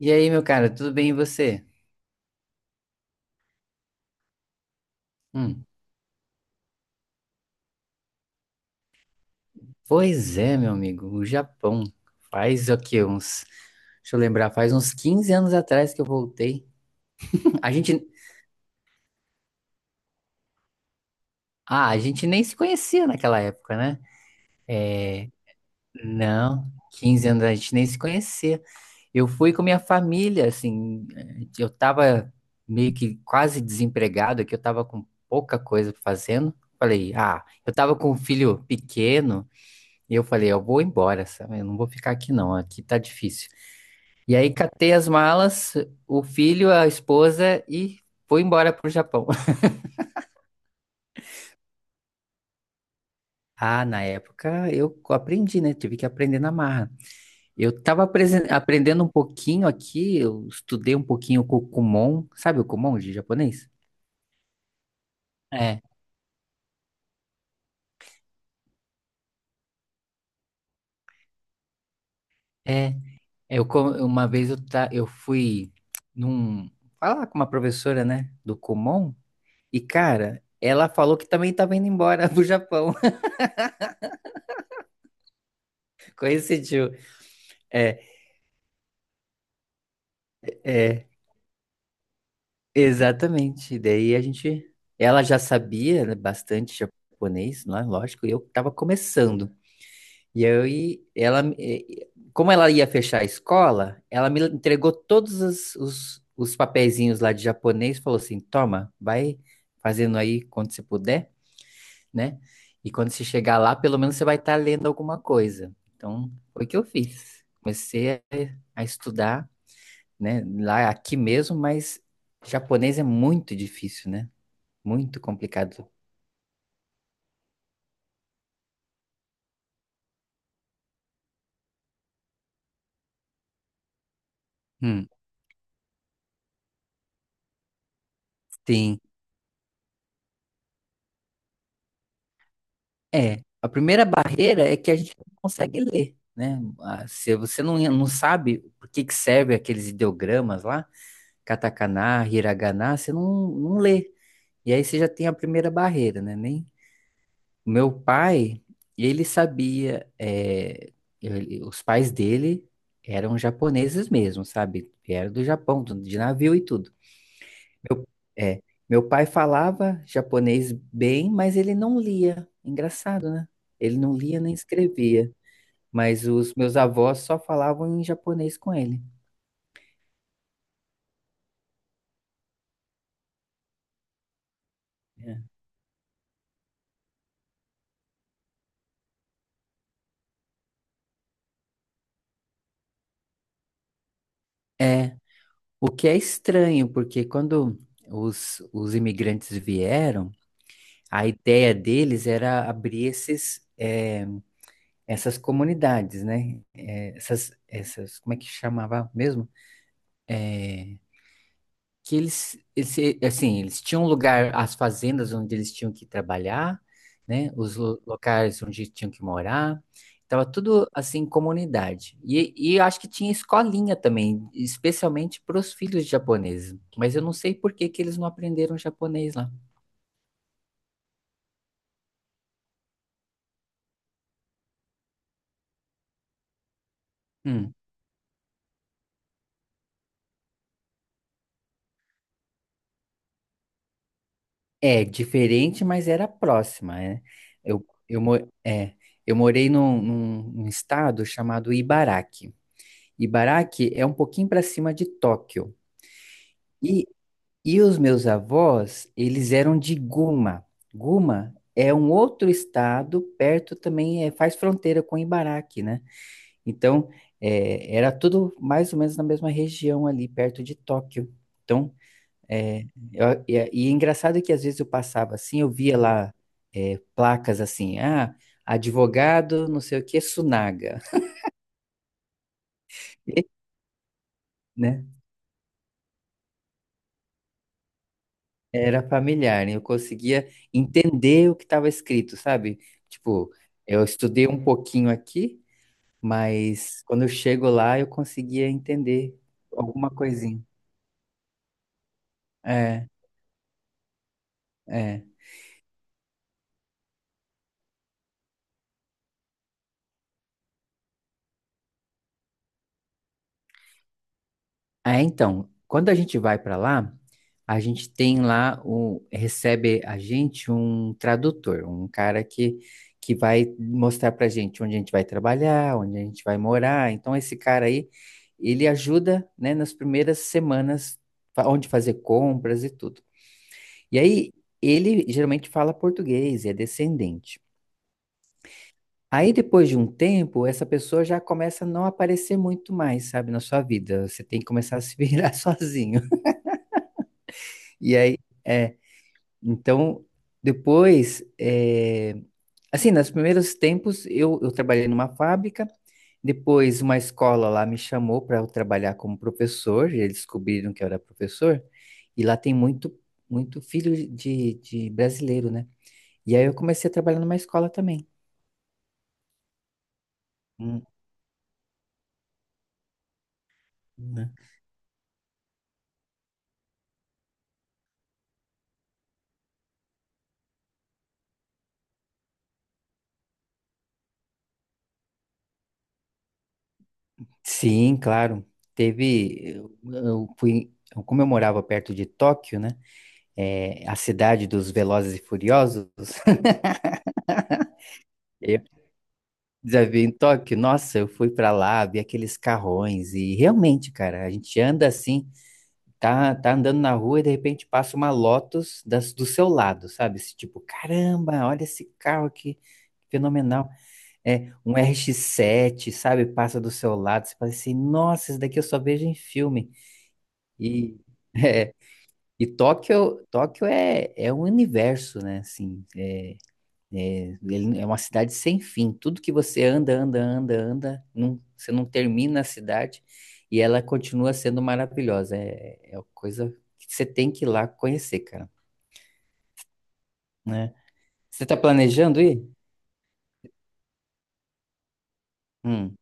E aí, meu cara, tudo bem e você? Hum, pois é, meu amigo, o Japão. Faz o quê? Uns. Deixa eu lembrar, faz uns 15 anos atrás que eu voltei. A gente. Ah, a gente nem se conhecia naquela época, né? Não, 15 anos a gente nem se conhecia. Eu fui com minha família, assim. Eu tava meio que quase desempregado, que eu tava com pouca coisa fazendo. Falei, ah, eu tava com um filho pequeno. E eu falei, eu vou embora, sabe? Eu não vou ficar aqui não, aqui tá difícil. E aí catei as malas, o filho, a esposa e fui embora pro Japão. Ah, na época eu aprendi, né? Tive que aprender na marra. Eu tava aprendendo um pouquinho aqui, eu estudei um pouquinho com o Kumon, sabe o Kumon de japonês? É, é. Eu, uma vez eu, eu fui num, falar com uma professora, né, do Kumon, e cara, ela falou que também tava indo embora pro Japão. Coincidiu. É, é. Exatamente. E Daí a gente. Ela já sabia, né, bastante japonês, não é? Lógico, e eu estava começando. Como ela ia fechar a escola, ela me entregou todos os papeizinhos lá de japonês, falou assim: toma, vai fazendo aí quando você puder, né? E quando você chegar lá, pelo menos você vai estar lendo alguma coisa. Então, foi o que eu fiz. Comecei a estudar, né? Lá aqui mesmo, mas japonês é muito difícil, né? Muito complicado. Hum, sim. É. A primeira barreira é que a gente não consegue ler, né? Ah, se você não sabe por que que serve aqueles ideogramas lá, katakana, hiragana, você não lê. E aí você já tem a primeira barreira, né? Nem... O meu pai, ele sabia, é, os pais dele eram japoneses mesmo, sabe? Vieram do Japão, de navio e tudo. Meu, é, meu pai falava japonês bem, mas ele não lia. Engraçado, né? Ele não lia nem escrevia. Mas os meus avós só falavam em japonês com ele. É, É, o que é estranho, porque quando os imigrantes vieram, a ideia deles era abrir essas comunidades, né? É, essas, como é que chamava mesmo? É, que eles, assim, eles tinham um lugar, as fazendas onde eles tinham que trabalhar, né? Os locais onde tinham que morar. Tava tudo assim, em comunidade. E eu acho que tinha escolinha também, especialmente para os filhos japoneses. Mas eu não sei por que que eles não aprenderam japonês lá. Hum. É diferente, mas era próxima, né? Eu, eu, mo- é, eu morei num, num estado chamado Ibaraki. Ibaraki é um pouquinho para cima de Tóquio. e E os meus avós, eles eram de Guma. Guma é um outro estado, perto também, é, faz fronteira com Ibaraki, né? Então, é, era tudo mais ou menos na mesma região ali, perto de Tóquio. Então, é, e é engraçado que às vezes eu passava assim, eu via lá é, placas assim, ah, advogado, não sei o que, Sunaga, né? Era familiar, né? Eu conseguia entender o que estava escrito, sabe? Tipo, eu estudei um pouquinho aqui, mas quando eu chego lá eu conseguia entender alguma coisinha. É, é. É, então, quando a gente vai para lá, a gente tem lá o recebe a gente um tradutor, um cara que vai mostrar para a gente onde a gente vai trabalhar, onde a gente vai morar. Então, esse cara aí, ele ajuda, né, nas primeiras semanas onde fazer compras e tudo. E aí ele geralmente fala português, é descendente. Aí depois de um tempo, essa pessoa já começa a não aparecer muito mais, sabe, na sua vida. Você tem que começar a se virar sozinho. E aí, é, então, depois, é, assim, nos primeiros tempos, eu trabalhei numa fábrica, depois uma escola lá me chamou para eu trabalhar como professor, e eles descobriram que eu era professor, e lá tem muito filho de brasileiro, né? E aí eu comecei a trabalhar numa escola também. Hum, né? Sim, claro. Teve, como eu morava perto de Tóquio, né? É, a cidade dos Velozes e Furiosos, já vi em Tóquio, nossa, eu fui pra lá, vi aqueles carrões e realmente, cara, a gente anda assim, tá andando na rua e de repente passa uma Lotus das, do seu lado, sabe? Esse tipo, caramba, olha esse carro aqui, fenomenal. É um RX-7, sabe? Passa do seu lado, você fala assim, nossa, esse daqui eu só vejo em filme. E é, e Tóquio é um universo, né? Assim, é, ele é uma cidade sem fim. Tudo que você anda, anda, anda, anda, você não termina a cidade e ela continua sendo maravilhosa. É uma coisa que você tem que ir lá conhecer, cara, né? Você está planejando ir? Hum,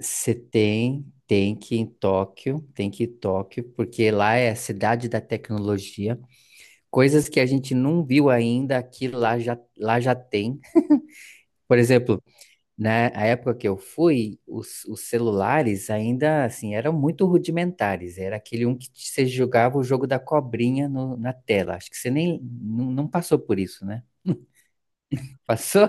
você tem que ir em Tóquio, tem que ir em Tóquio, porque lá é a cidade da tecnologia. Coisas que a gente não viu ainda aqui lá já tem. Por exemplo, na época que eu fui, os celulares ainda assim eram muito rudimentares. Era aquele um que você jogava o jogo da cobrinha na tela. Acho que você nem não passou por isso, né? Passou?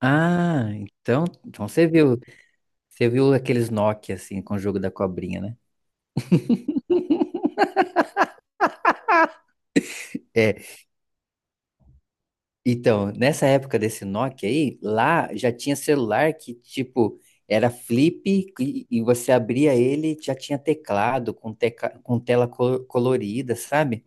Ah, então você viu aqueles Nokia assim com o jogo da cobrinha, né? É, então, nessa época desse Nokia aí, lá já tinha celular que tipo era flip e você abria ele, já tinha teclado com tela colorida, sabe?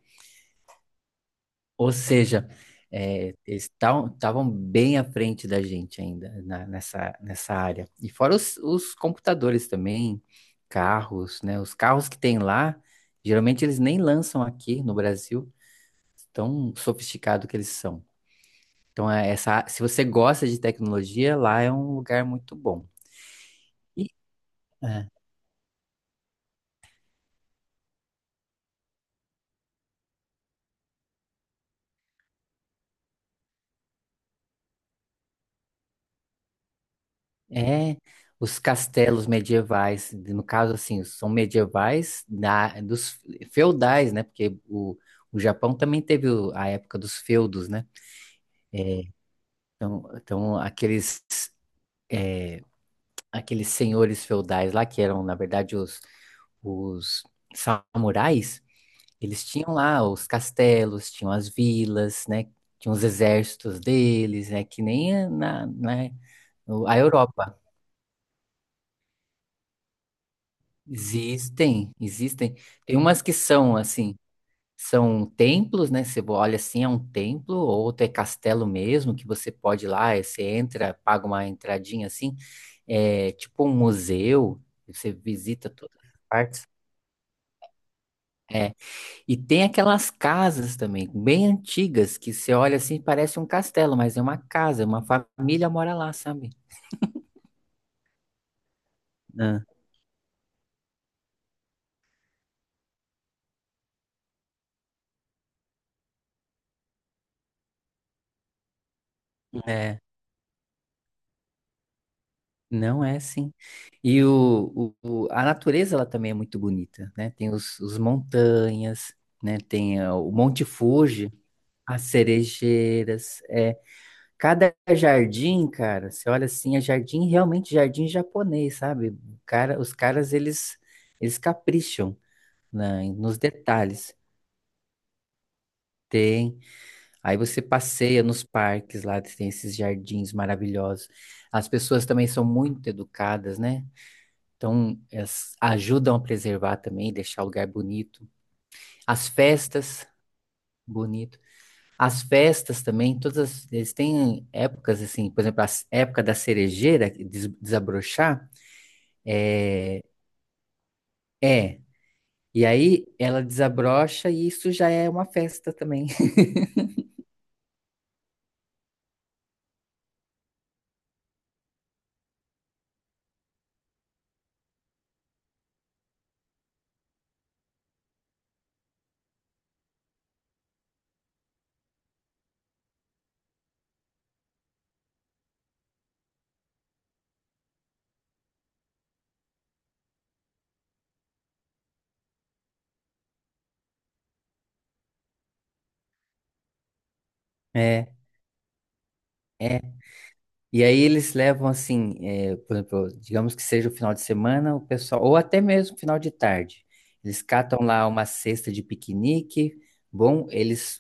Ou seja, é, eles estavam bem à frente da gente ainda nessa, nessa área. E fora os computadores também, carros, né? Os carros que tem lá, geralmente eles nem lançam aqui no Brasil, tão sofisticado que eles são. Então, é essa, se você gosta de tecnologia, lá é um lugar muito bom. É, os castelos medievais, no caso, assim, são medievais da, dos feudais, né? Porque o Japão também teve a época dos feudos, né? É, então, aqueles senhores feudais lá, que eram, na verdade, os samurais, eles tinham lá os castelos, tinham as vilas, né? Tinham os exércitos deles, né? Que nem na, a Europa. Existem, existem. Tem umas que são assim, são templos, né? Você olha assim, é um templo, outro é castelo mesmo, que você pode ir lá, aí você entra, paga uma entradinha assim, é tipo um museu, você visita todas as partes. É. E tem aquelas casas também, bem antigas, que você olha assim, parece um castelo, mas é uma casa, uma família mora lá, sabe? Ah. É. Não é assim. E a natureza ela também é muito bonita, né? Tem os montanhas, né? Tem ah, o Monte Fuji, as cerejeiras. É. Cada jardim, cara, você olha assim, é jardim, realmente jardim japonês, sabe? O cara, os caras, eles capricham nos detalhes. Tem. Aí você passeia nos parques lá, tem esses jardins maravilhosos. As pessoas também são muito educadas, né? Então, elas ajudam a preservar também, deixar o lugar bonito. As festas, bonito. As festas também, eles têm épocas assim, por exemplo, a época da cerejeira que desabrochar é, é. E aí ela desabrocha e isso já é uma festa também. É. E aí eles levam assim, por exemplo, digamos que seja o final de semana, o pessoal, ou até mesmo final de tarde, eles catam lá uma cesta de piquenique, bom, eles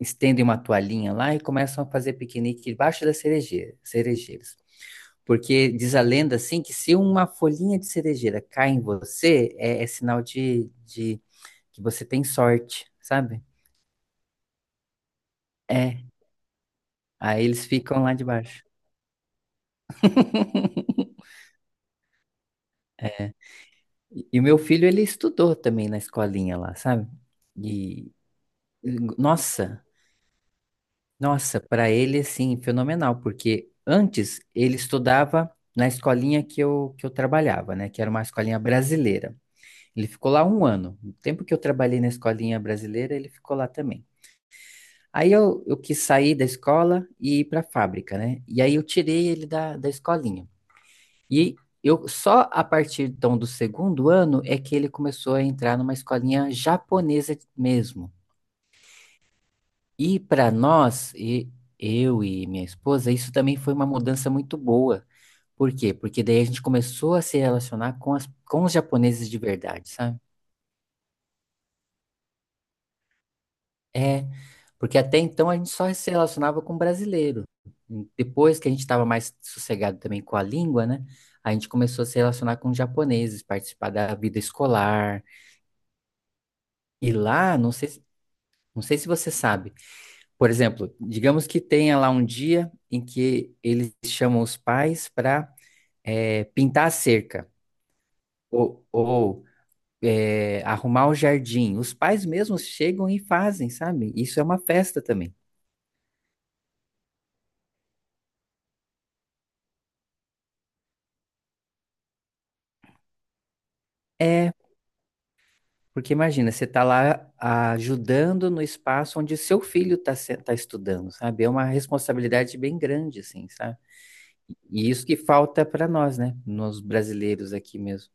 estendem uma toalhinha lá e começam a fazer piquenique debaixo das cerejeiras. Porque diz a lenda assim que se uma folhinha de cerejeira cai em você, é sinal de que você tem sorte, sabe? É, aí eles ficam lá debaixo. E o meu filho, ele estudou também na escolinha lá, sabe? E, nossa, nossa, para ele, assim, fenomenal, porque antes ele estudava na escolinha que eu trabalhava, né? Que era uma escolinha brasileira. Ele ficou lá um ano. No tempo que eu trabalhei na escolinha brasileira, ele ficou lá também. Aí eu quis sair da escola e ir para a fábrica, né? E aí eu tirei ele da escolinha. E eu só a partir então do 2º ano é que ele começou a entrar numa escolinha japonesa mesmo. E para nós, eu e minha esposa, isso também foi uma mudança muito boa. Por quê? Porque daí a gente começou a se relacionar com com os japoneses de verdade, sabe? É, porque até então a gente só se relacionava com brasileiro. Depois que a gente estava mais sossegado também com a língua, né? A gente começou a se relacionar com japoneses, participar da vida escolar. E lá, não sei, Não sei se você sabe. Por exemplo, digamos que tenha lá um dia em que eles chamam os pais para pintar a cerca ou, ou, arrumar o jardim. Os pais mesmos chegam e fazem, sabe? Isso é uma festa também. É, porque imagina, você está lá ajudando no espaço onde seu filho está tá estudando, sabe? É uma responsabilidade bem grande, assim, sabe? E isso que falta para nós, né? Nos brasileiros aqui mesmo.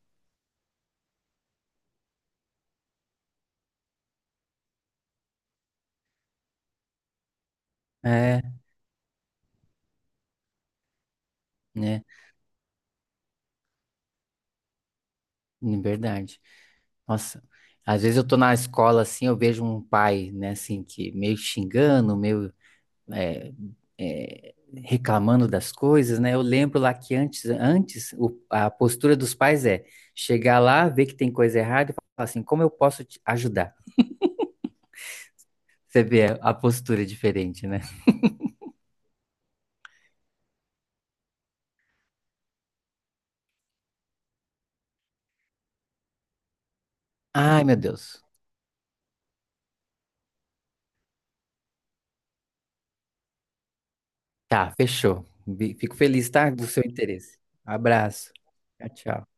É, né? Verdade. Nossa, às vezes eu tô na escola assim, eu vejo um pai, né, assim, que meio xingando, é, é, reclamando das coisas, né? Eu lembro lá que antes, antes a postura dos pais é chegar lá, ver que tem coisa errada e falar assim, como eu posso te ajudar? Você vê a postura diferente, né? Ai, meu Deus. Tá, fechou. Fico feliz, tá, do seu interesse. Abraço. Tchau, tchau.